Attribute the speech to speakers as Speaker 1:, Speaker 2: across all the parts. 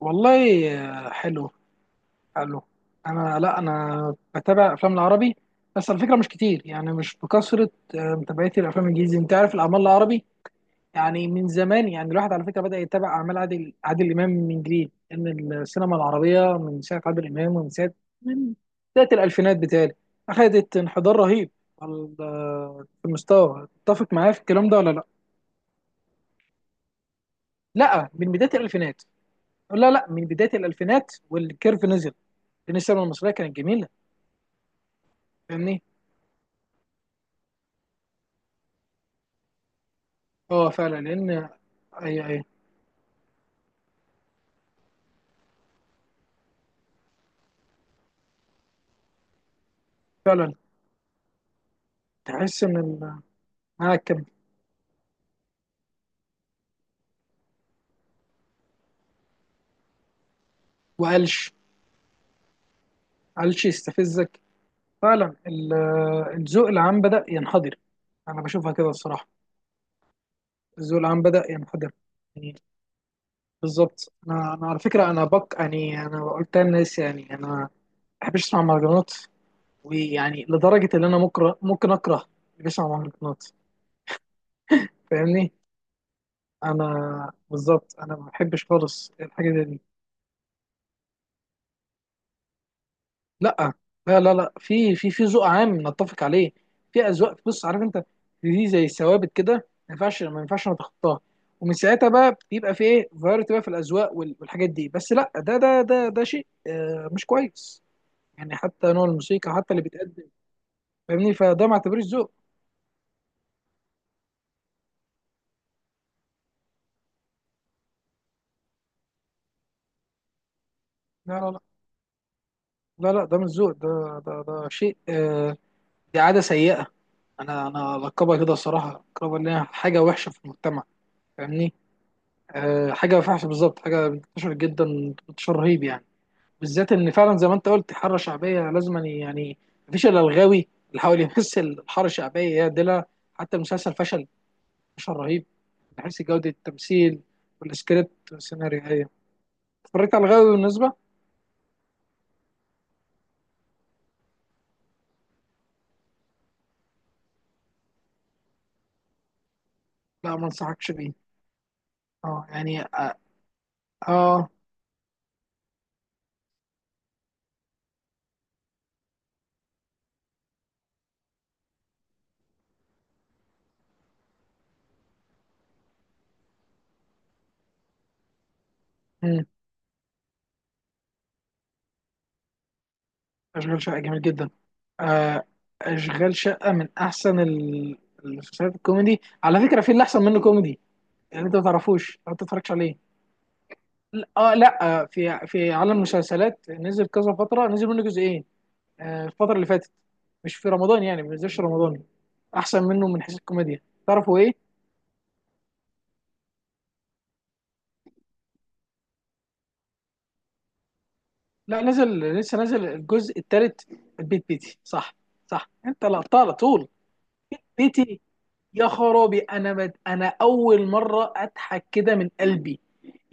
Speaker 1: والله، حلو حلو. لا انا بتابع افلام العربي، بس على فكره مش كتير، يعني مش بكثره. متابعتي الافلام الانجليزي، انت عارف الاعمال العربي يعني من زمان. يعني الواحد على فكره بدا يتابع اعمال عادل امام من جديد، ان السينما العربيه من ساعه عادل امام ومن ساعه من بدايه الالفينات بتاعي اخذت انحدار رهيب. في المستوى، تتفق معايا في الكلام ده ولا لا؟ لا، من بدايه الالفينات. لا لا، من بدايه الالفينات والكيرف نزل، لان السينما المصريه كانت جميله. فاهمني. اه فعلا، لان اي فعلا. تحس ان المعاكب وقلش. قلش يستفزك، فعلا. الذوق العام بدأ ينحدر. انا بشوفها كده الصراحه، الذوق العام بدأ ينحدر، يعني بالظبط. انا على فكره، انا بق يعني انا قلت للناس، يعني انا ما بحبش اسمع مهرجانات. ويعني لدرجه ان انا ممكن اكره اللي بيسمع مهرجانات. فاهمني. انا بالظبط، انا ما بحبش خالص الحاجه دي. لا لا لا لا، في في ذوق عام نتفق عليه. في اذواق، بص عارف انت، دي زي ثوابت كده، ما ينفعش نتخطاها ومن ساعتها بقى بيبقى في ايه، فاريتي بقى في الاذواق والحاجات دي. بس لا، ده شيء مش كويس، يعني حتى نوع الموسيقى، حتى اللي بيتقدم. فاهمني. فده ما اعتبرش ذوق. لا لا لا لا لا، ده مش ذوق، ده شيء دي عاده سيئه. انا القبها كده الصراحه، القبها اللي هي حاجه وحشه في المجتمع. فاهمني. حاجه فحش بالظبط، حاجه انتشر جدا انتشار رهيب، يعني. بالذات ان فعلا زي ما انت قلت، حاره شعبيه لازم يعني مفيش الا الغاوي اللي حاول يمثل الحاره الشعبيه يا دلع. حتى المسلسل فشل، فشل رهيب من حيث جوده التمثيل والسكريبت والسيناريو. أيوة. اتفرجت على الغاوي، بالنسبه لا ما انصحكش بيه. اه يعني اه, آه. مم، اشغال شقه جميل جدا. آه، اشغال شقه من احسن المسلسلات الكوميدي، على فكره، في اللي احسن منه كوميدي، يعني. انت ما تعرفوش لو انت ما تتفرجش عليه. اه لا، في عالم المسلسلات نزل كذا فتره، نزل منه جزئين، الفتره اللي فاتت، مش في رمضان يعني، ما نزلش رمضان. احسن منه من حيث الكوميديا. تعرفوا ايه؟ لا نزل، لسه نازل الجزء الثالث. البيت بيتي، صح. صح، انت لقطتها على طول، بيتي. يا خرابي، انا انا اول مره اضحك كده من قلبي.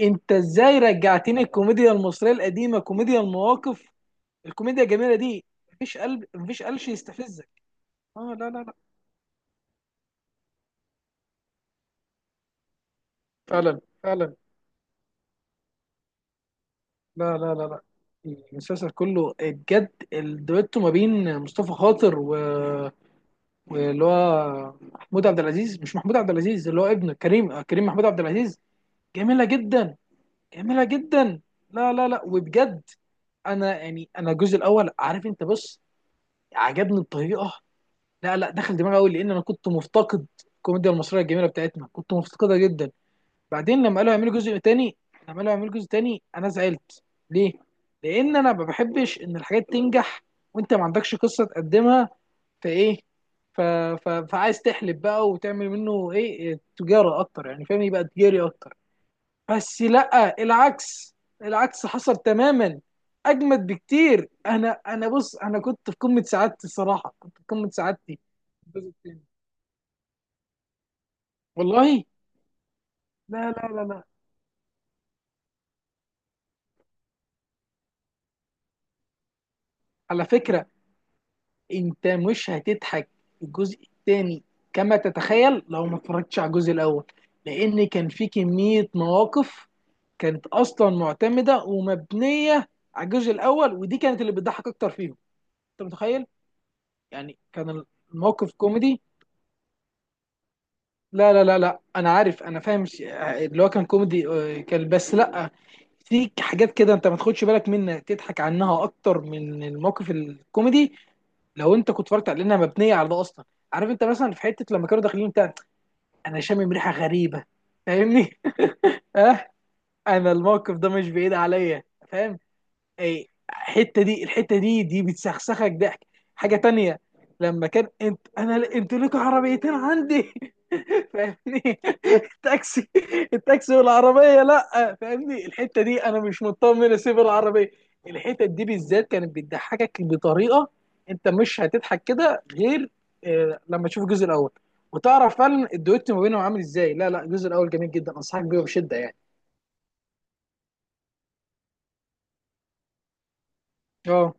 Speaker 1: انت ازاي رجعتني الكوميديا المصريه القديمه، كوميديا المواقف، الكوميديا الجميله دي. مفيش قلب، مفيش قلش يستفزك. اه لا لا لا. فعلا فعلا. لا لا لا لا. المسلسل كله بجد الدويتو ما بين مصطفى خاطر و... واللي هو محمود عبد العزيز، مش محمود عبد العزيز اللي هو ابنه، كريم، كريم محمود عبد العزيز. جميلة جدا، جميلة جدا. لا لا لا، وبجد انا، يعني انا الجزء الاول، عارف انت، بص، عجبني بطريقة. لا لا، دخل دماغي قوي لان انا كنت مفتقد الكوميديا المصرية الجميلة بتاعتنا، كنت مفتقدها جدا. بعدين لما قالوا يعملوا جزء تاني، لما قالوا يعملوا جزء تاني انا زعلت. ليه؟ لان انا ما بحبش ان الحاجات تنجح وانت ما عندكش قصه تقدمها. فايه، ف... فعايز تحلب بقى، وتعمل منه ايه، تجاره اكتر، يعني فاهم، يبقى تجاري اكتر. بس لا، العكس، العكس حصل تماما. اجمد بكتير. انا بص، انا كنت في قمه سعادتي الصراحه، كنت في قمه سعادتي في الجزء التاني. والله. لا لا لا لا. على فكره انت مش هتضحك الجزء الثاني كما تتخيل لو ما اتفرجتش على الجزء الاول، لان كان في كمية مواقف كانت اصلا معتمدة ومبنية على الجزء الاول، ودي كانت اللي بتضحك اكتر فيهم. انت متخيل، يعني كان الموقف كوميدي. لا لا لا لا، انا عارف، انا فاهم اللي هو كان كوميدي، كان، بس لا، في حاجات كده انت ما تاخدش بالك منها، تضحك عنها اكتر من الموقف الكوميدي، لو انت كنت اتفرجت على، لانها مبنيه على ده اصلا. عارف انت، مثلا في حته لما كانوا داخلين بتاع، انا شامم ريحه غريبه. فاهمني. اه، انا الموقف ده مش بعيد عليا، فاهم. اي الحته دي، الحته دي بتسخسخك ضحك. حاجه تانية، لما كان انت انا انتوا لكم عربيتين عندي. فاهمني، التاكسي التاكسي والعربيه، لا فاهمني، الحته دي انا مش مطمن اسيب العربيه. الحته دي بالذات كانت بتضحكك بطريقه، انت مش هتضحك كده غير لما تشوف الجزء الاول، وتعرف فعلا الدويت ما بينهم عامل ازاي. لا لا، الجزء الاول جميل جدا، انصحك بيه بشده، يعني. اه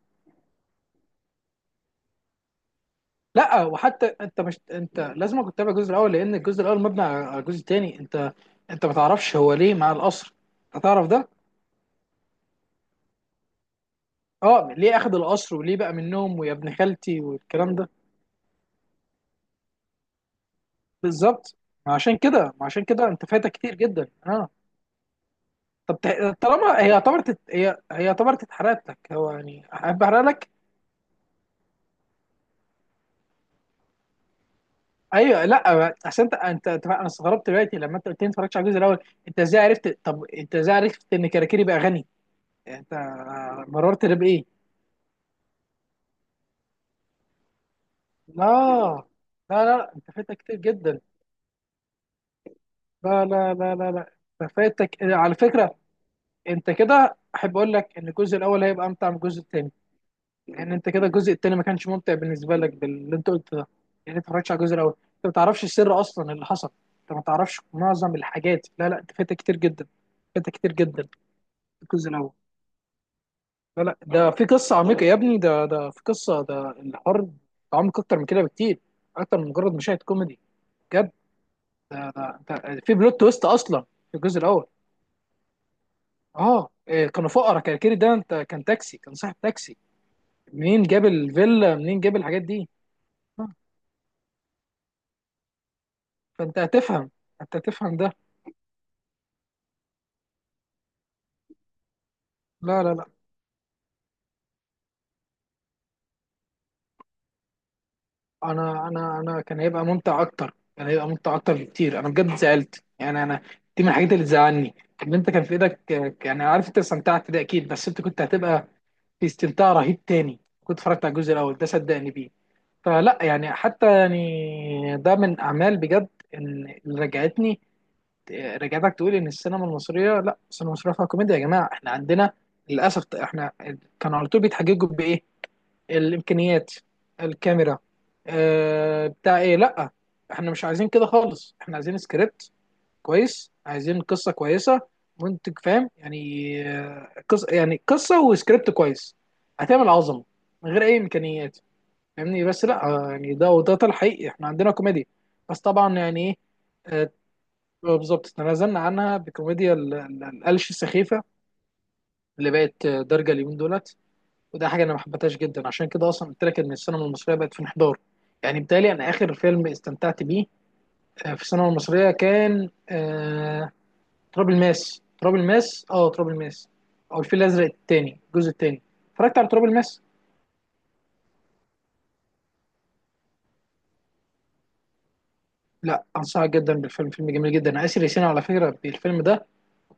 Speaker 1: لا، وحتى انت مش، انت لازم كنت تتابع الجزء الاول، لان الجزء الاول مبني على الجزء الثاني. انت ما تعرفش هو ليه مع القصر، انت تعرف ده؟ اه، ليه اخذ القصر وليه بقى منهم ويا ابن خالتي والكلام ده. بالظبط. ما عشان كده انت فايتك كتير جدا، اه. طب طالما هي اعتبرت، هي اعتبرت اتحرقت لك، هو يعني احب احرق لك. ايوه، لا عشان انت انت انا استغربت دلوقتي لما انت قلت لي ما اتفرجتش على الجزء الاول. انت ازاي عرفت؟ طب انت ازاي عرفت ان كاراكيري بقى غني؟ انت مررت ده بايه؟ آه. لا لا لا، انت فايتك كتير جدا. لا، انت فايتك على فكره. انت كده، احب اقول لك ان الجزء الاول هيبقى امتع من الجزء الثاني، لان انت كده الجزء الثاني ما كانش ممتع بالنسبه لك باللي انت قلت ده. يعني انت ما اتفرجتش على الجزء الاول، انت ما تعرفش السر اصلا اللي حصل، انت ما تعرفش معظم الحاجات. لا لا، انت فايتك كتير جدا، فايتك كتير جدا. الجزء الاول، لا لا، ده في قصه عميقه يا ابني، ده في قصه، ده الحوار عمق اكتر من كده بكتير، اكتر من مجرد مشاهد كوميدي. ده ده في بلوت تويست اصلا في الجزء الاول. اه إيه، كانوا فقراء، كان كيري ده، انت، كان تاكسي، كان صاحب تاكسي. منين جاب الفيلا؟ منين جاب الحاجات دي؟ آه، فانت هتفهم، انت هتفهم ده. لا لا لا، انا كان هيبقى ممتع اكتر، كان هيبقى ممتع اكتر بكتير. انا بجد زعلت، يعني انا، دي من الحاجات اللي تزعلني، ان انت كان في ايدك. يعني عارف انت استمتعت، ده اكيد، بس انت كنت هتبقى في استمتاع رهيب تاني كنت اتفرجت على الجزء الاول ده، صدقني بيه. فلا، يعني حتى يعني ده من اعمال بجد. إن- اللي رجعتني، رجعتك تقول ان السينما المصريه، لا السينما المصريه فيها كوميديا يا جماعه، احنا عندنا، للاسف احنا كانوا على طول بيتحججوا بايه، الامكانيات، الكاميرا، آه بتاع ايه. لا احنا مش عايزين كده خالص، احنا عايزين سكريبت كويس، عايزين قصه كويسه، منتج فاهم، يعني قص يعني قصه وسكريبت كويس، هتعمل عظمه من غير اي امكانيات. فاهمني. بس لا يعني ده وده ده الحقيقي، احنا عندنا كوميديا، بس طبعا يعني ايه؟ آه، بالظبط، تنازلنا عنها بكوميديا القلش السخيفه اللي بقت دارجه اليومين دولت. وده حاجه انا ما حبيتهاش جدا، عشان كده اصلا قلت لك ان السينما المصريه بقت في انحدار، يعني. بالتالي انا اخر فيلم استمتعت بيه في السينما المصريه كان تراب الماس، تراب الماس، اه تراب الماس، او الفيل الازرق التاني، الجزء التاني. اتفرجت على تراب الماس. لا، انصحك جدا بالفيلم، فيلم جميل جدا. اسر ياسين على فكره بالفيلم ده،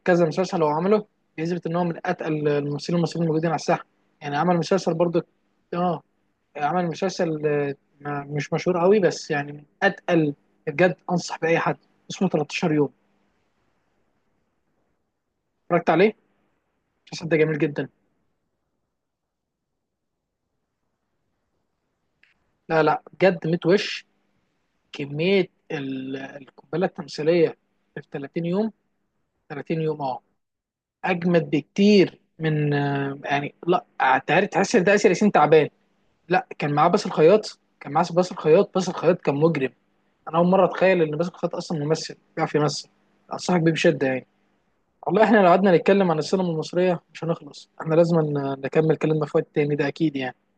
Speaker 1: كذا مسلسل هو عمله، يثبت ان هو من اتقل الممثلين المصريين الموجودين على الساحه. يعني عمل مسلسل برضه، اه، عمل مسلسل مش مشهور قوي، بس يعني من اتقل. بجد انصح باي حد، اسمه 13 يوم، اتفرجت عليه، المسلسل ده جميل جدا. لا لا بجد، ميت وش، كميه القنبله التمثيليه في 30 يوم، 30 يوم، اه. اجمد بكتير من يعني لا، تعرف تحس ان ده اسر ياسين تعبان. لا كان معاه باسل الخياط، كان معاه باسل الخياط، باسل الخياط كان مجرم. انا اول مره اتخيل ان باسل الخياط اصلا ممثل بيعرف يمثل. انصحك بيه بشده، يعني. والله احنا لو قعدنا نتكلم عن السينما المصريه مش هنخلص، احنا لازم نكمل كلامنا في وقت تاني، ده اكيد يعني.